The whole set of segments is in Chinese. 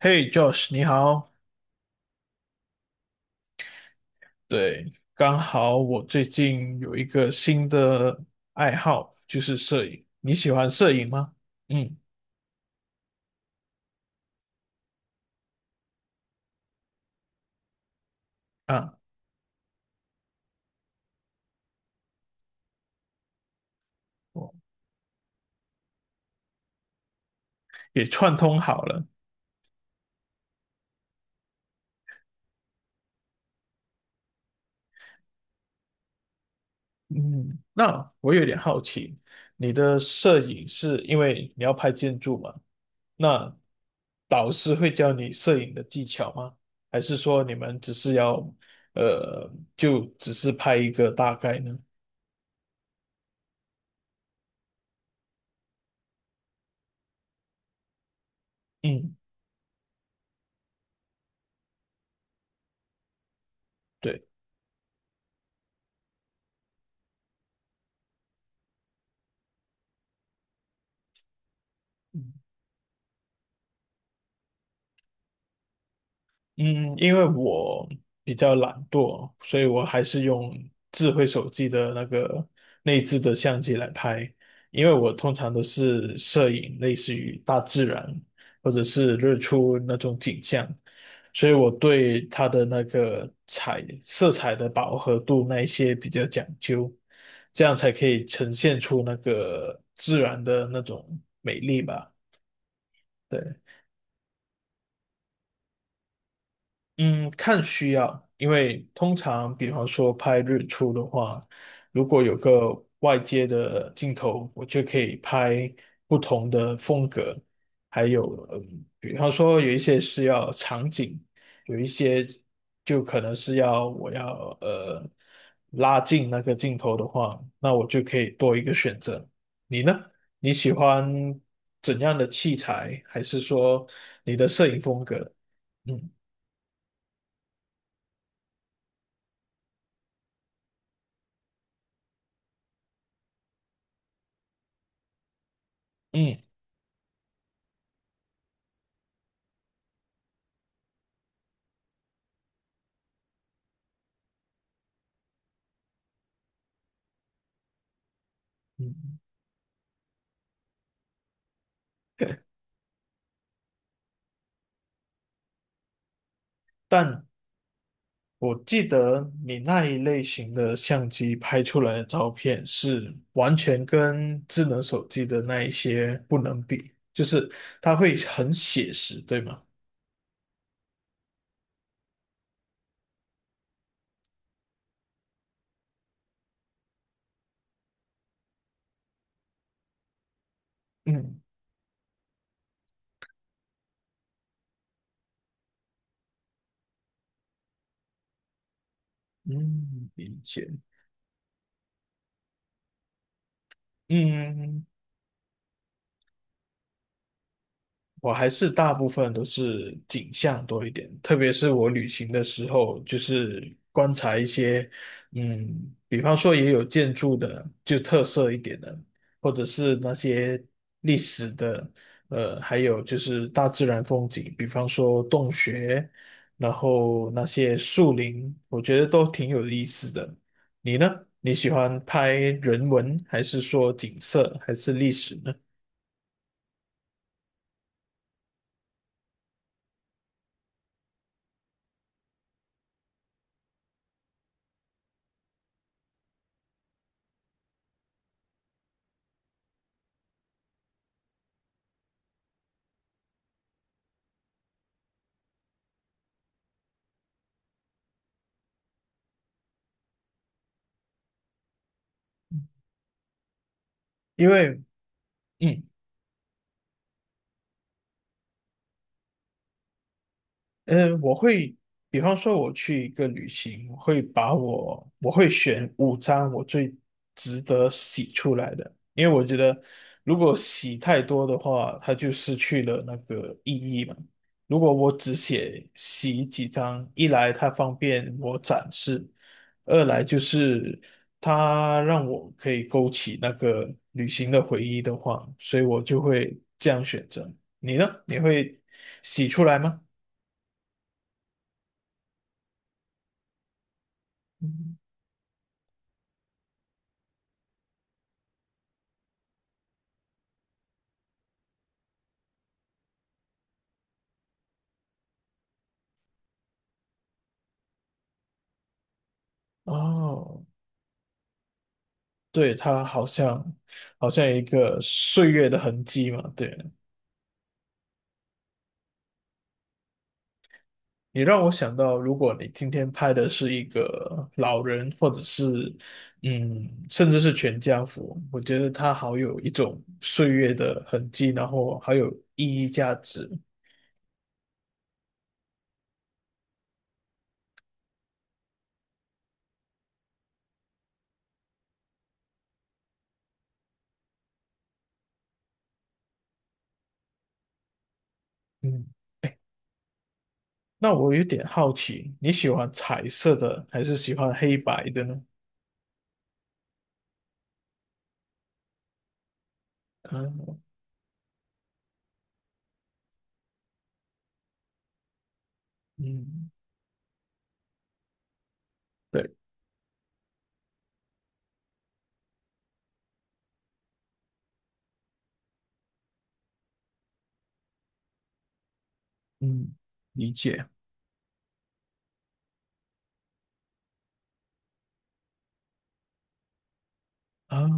嘿，Josh，你好。对，刚好我最近有一个新的爱好，就是摄影。你喜欢摄影吗？嗯，啊，也串通好了。嗯，那我有点好奇，你的摄影是因为你要拍建筑吗？那导师会教你摄影的技巧吗？还是说你们只是要，呃，就只是拍一个大概呢？嗯，对。嗯嗯，因为我比较懒惰，所以我还是用智慧手机的那个内置的相机来拍。因为我通常都是摄影，类似于大自然或者是日出那种景象，所以我对它的那个彩色彩的饱和度那一些比较讲究，这样才可以呈现出那个自然的那种美丽吧。对。嗯，看需要，因为通常比方说拍日出的话，如果有个外接的镜头，我就可以拍不同的风格，还有，比方说有一些是要场景，有一些就可能是要我要拉近那个镜头的话，那我就可以多一个选择。你呢？你喜欢怎样的器材，还是说你的摄影风格？嗯。嗯，嗯，但我记得你那一类型的相机拍出来的照片是完全跟智能手机的那一些不能比，就是它会很写实，对吗？嗯嗯，理解。嗯，我还是大部分都是景象多一点，特别是我旅行的时候，就是观察一些，比方说也有建筑的，就特色一点的，或者是那些历史的，还有就是大自然风景，比方说洞穴，然后那些树林，我觉得都挺有意思的。你呢？你喜欢拍人文，还是说景色，还是历史呢？因为嗯。嗯，我会，比方说我去一个旅行，我会选五张我最值得洗出来的，因为我觉得如果洗太多的话，它就失去了那个意义嘛。如果我只写洗几张，一来它方便我展示，二来就是它让我可以勾起那个旅行的回忆的话，所以我就会这样选择。你呢？你会洗出来吗？哦，对，它好像一个岁月的痕迹嘛。对，你让我想到，如果你今天拍的是一个老人，或者是甚至是全家福，我觉得它好有一种岁月的痕迹，然后还有意义价值。嗯，那我有点好奇，你喜欢彩色的还是喜欢黑白的呢？啊，嗯，对，嗯，理解啊。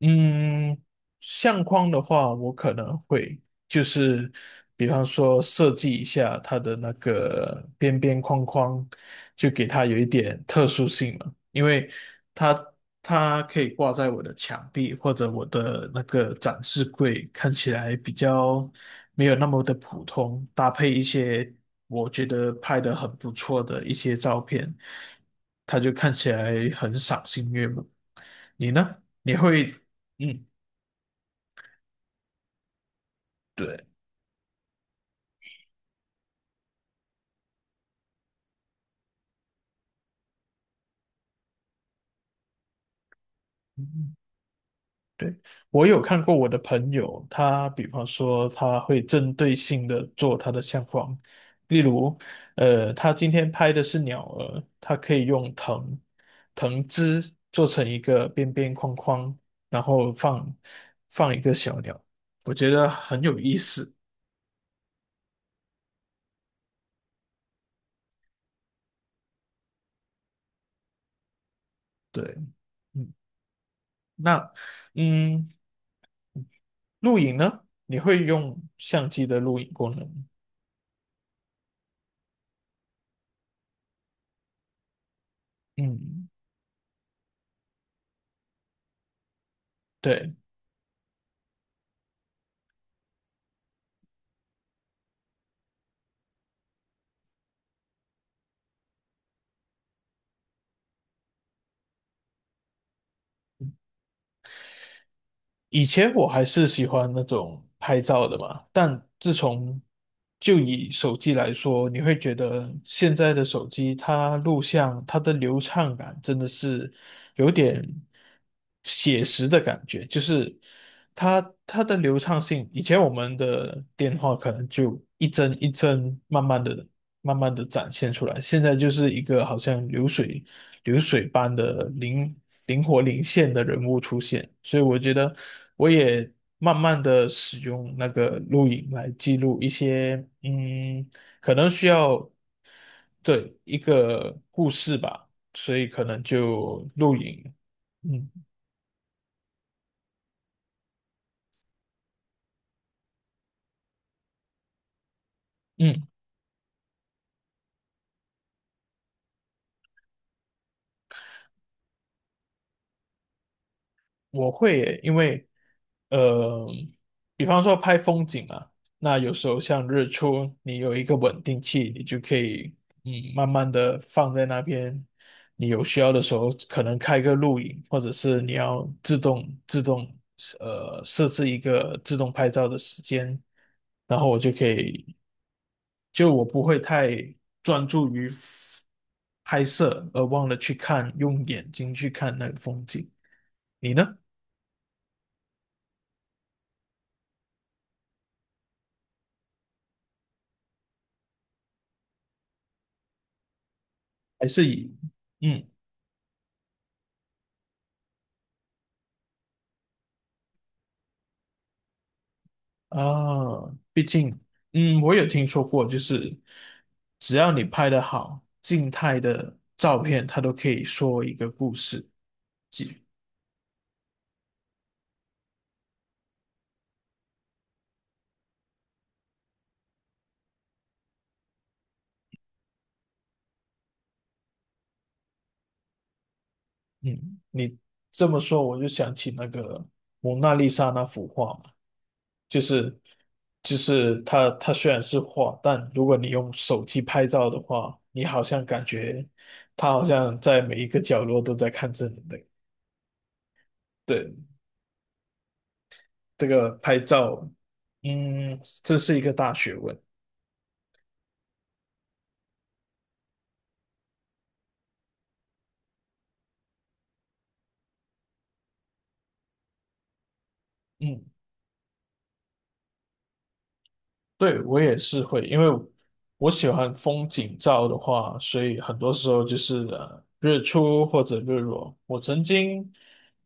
嗯，相框的话，我可能会就是，比方说设计一下它的那个边边框框，就给它有一点特殊性嘛，因为它它可以挂在我的墙壁或者我的那个展示柜，看起来比较没有那么的普通，搭配一些我觉得拍的很不错的一些照片，它就看起来很赏心悦目。你呢？你会嗯，对，嗯，对，我有看过我的朋友，他比方说他会针对性的做他的相框，例如，他今天拍的是鸟儿，他可以用藤枝做成一个边边框框，然后放一个小鸟，我觉得很有意思。对，嗯，那嗯，录影呢，你会用相机的录影功能吗？嗯，对。以前我还是喜欢那种拍照的嘛，但自从就以手机来说，你会觉得现在的手机它录像它的流畅感真的是有点写实的感觉，就是它的流畅性，以前我们的电话可能就一帧一帧慢慢的展现出来，现在就是一个好像流水。流水般的灵现的人物出现，所以我觉得我也慢慢的使用那个录影来记录一些，嗯，可能需要对一个故事吧，所以可能就录影，嗯嗯。我会耶，因为呃，比方说拍风景啊，那有时候像日出，你有一个稳定器，你就可以慢慢的放在那边。你有需要的时候，可能开个录影，或者是你要自动设置一个自动拍照的时间，然后我就可以，就我不会太专注于拍摄，而忘了去看，用眼睛去看那个风景。你呢？还是以嗯啊，毕竟我有听说过，就是只要你拍的好，静态的照片它都可以说一个故事。即嗯，你这么说，我就想起那个蒙娜丽莎那幅画嘛，就是就是它虽然是画，但如果你用手机拍照的话，你好像感觉它好像在每一个角落都在看着你的。对，这个拍照，这是一个大学问。嗯，对，我也是会，因为我喜欢风景照的话，所以很多时候就是日出或者日落。我曾经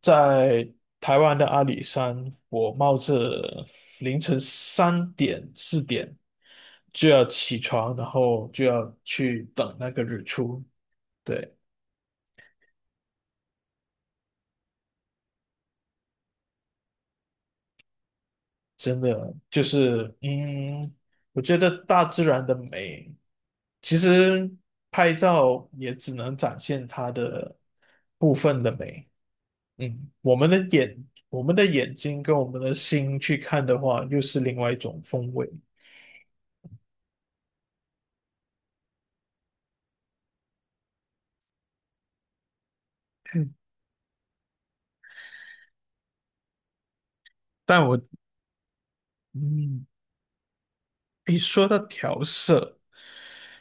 在台湾的阿里山，我冒着凌晨3点4点就要起床，然后就要去等那个日出。对，真的就是，我觉得大自然的美，其实拍照也只能展现它的部分的美。我们的眼睛跟我们的心去看的话，又是另外一种风味。嗯但我，嗯，诶，说到调色，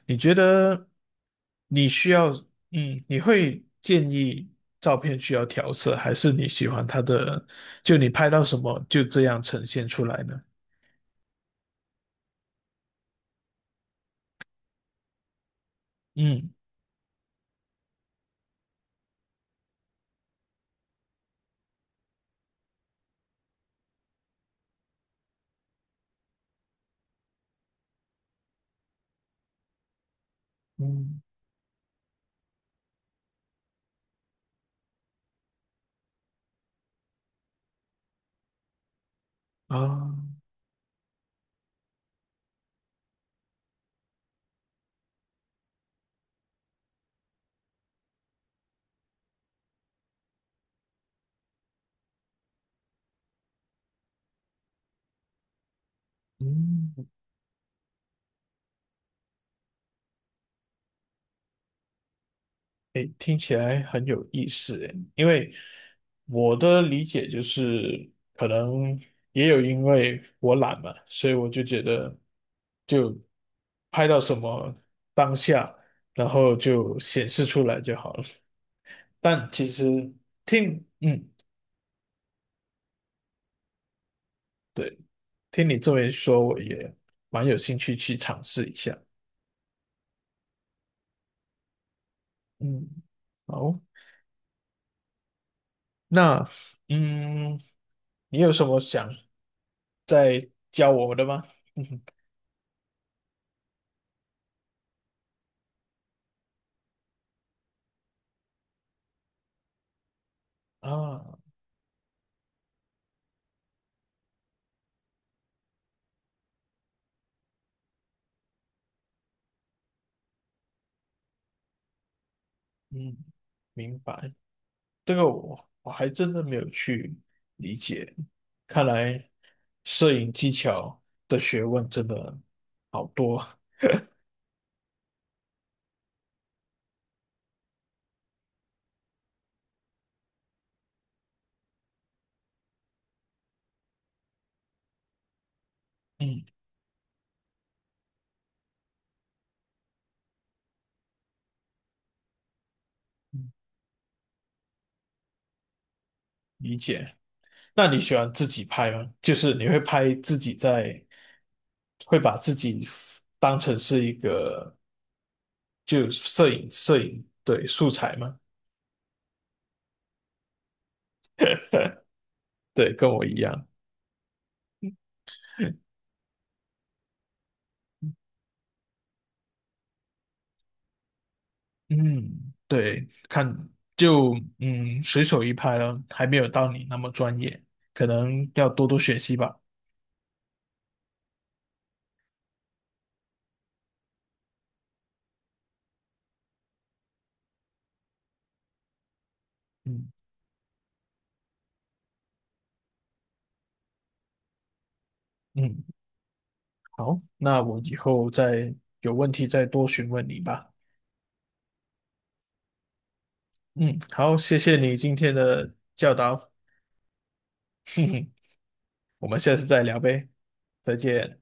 你觉得你需要，你会建议照片需要调色，还是你喜欢它的，就你拍到什么就这样呈现出来呢？嗯嗯啊，嗯诶，听起来很有意思诶，因为我的理解就是，可能也有因为我懒嘛，所以我就觉得就拍到什么当下，然后就显示出来就好了。但其实听，嗯，对，听你这么一说，我也蛮有兴趣去尝试一下。嗯，好，那嗯，你有什么想再教我的吗？嗯啊。嗯，明白。这个我还真的没有去理解，看来摄影技巧的学问真的好多。嗯，嗯理解。那你喜欢自己拍吗？就是你会拍自己在，会把自己当成是一个就摄影对素材吗？对，跟我一样。嗯，对，看就随手一拍了，还没有到你那么专业，可能要多多学习吧。嗯嗯，好，那我以后再有问题再多询问你吧。嗯，好，谢谢你今天的教导，哼哼，我们下次再聊呗，再见。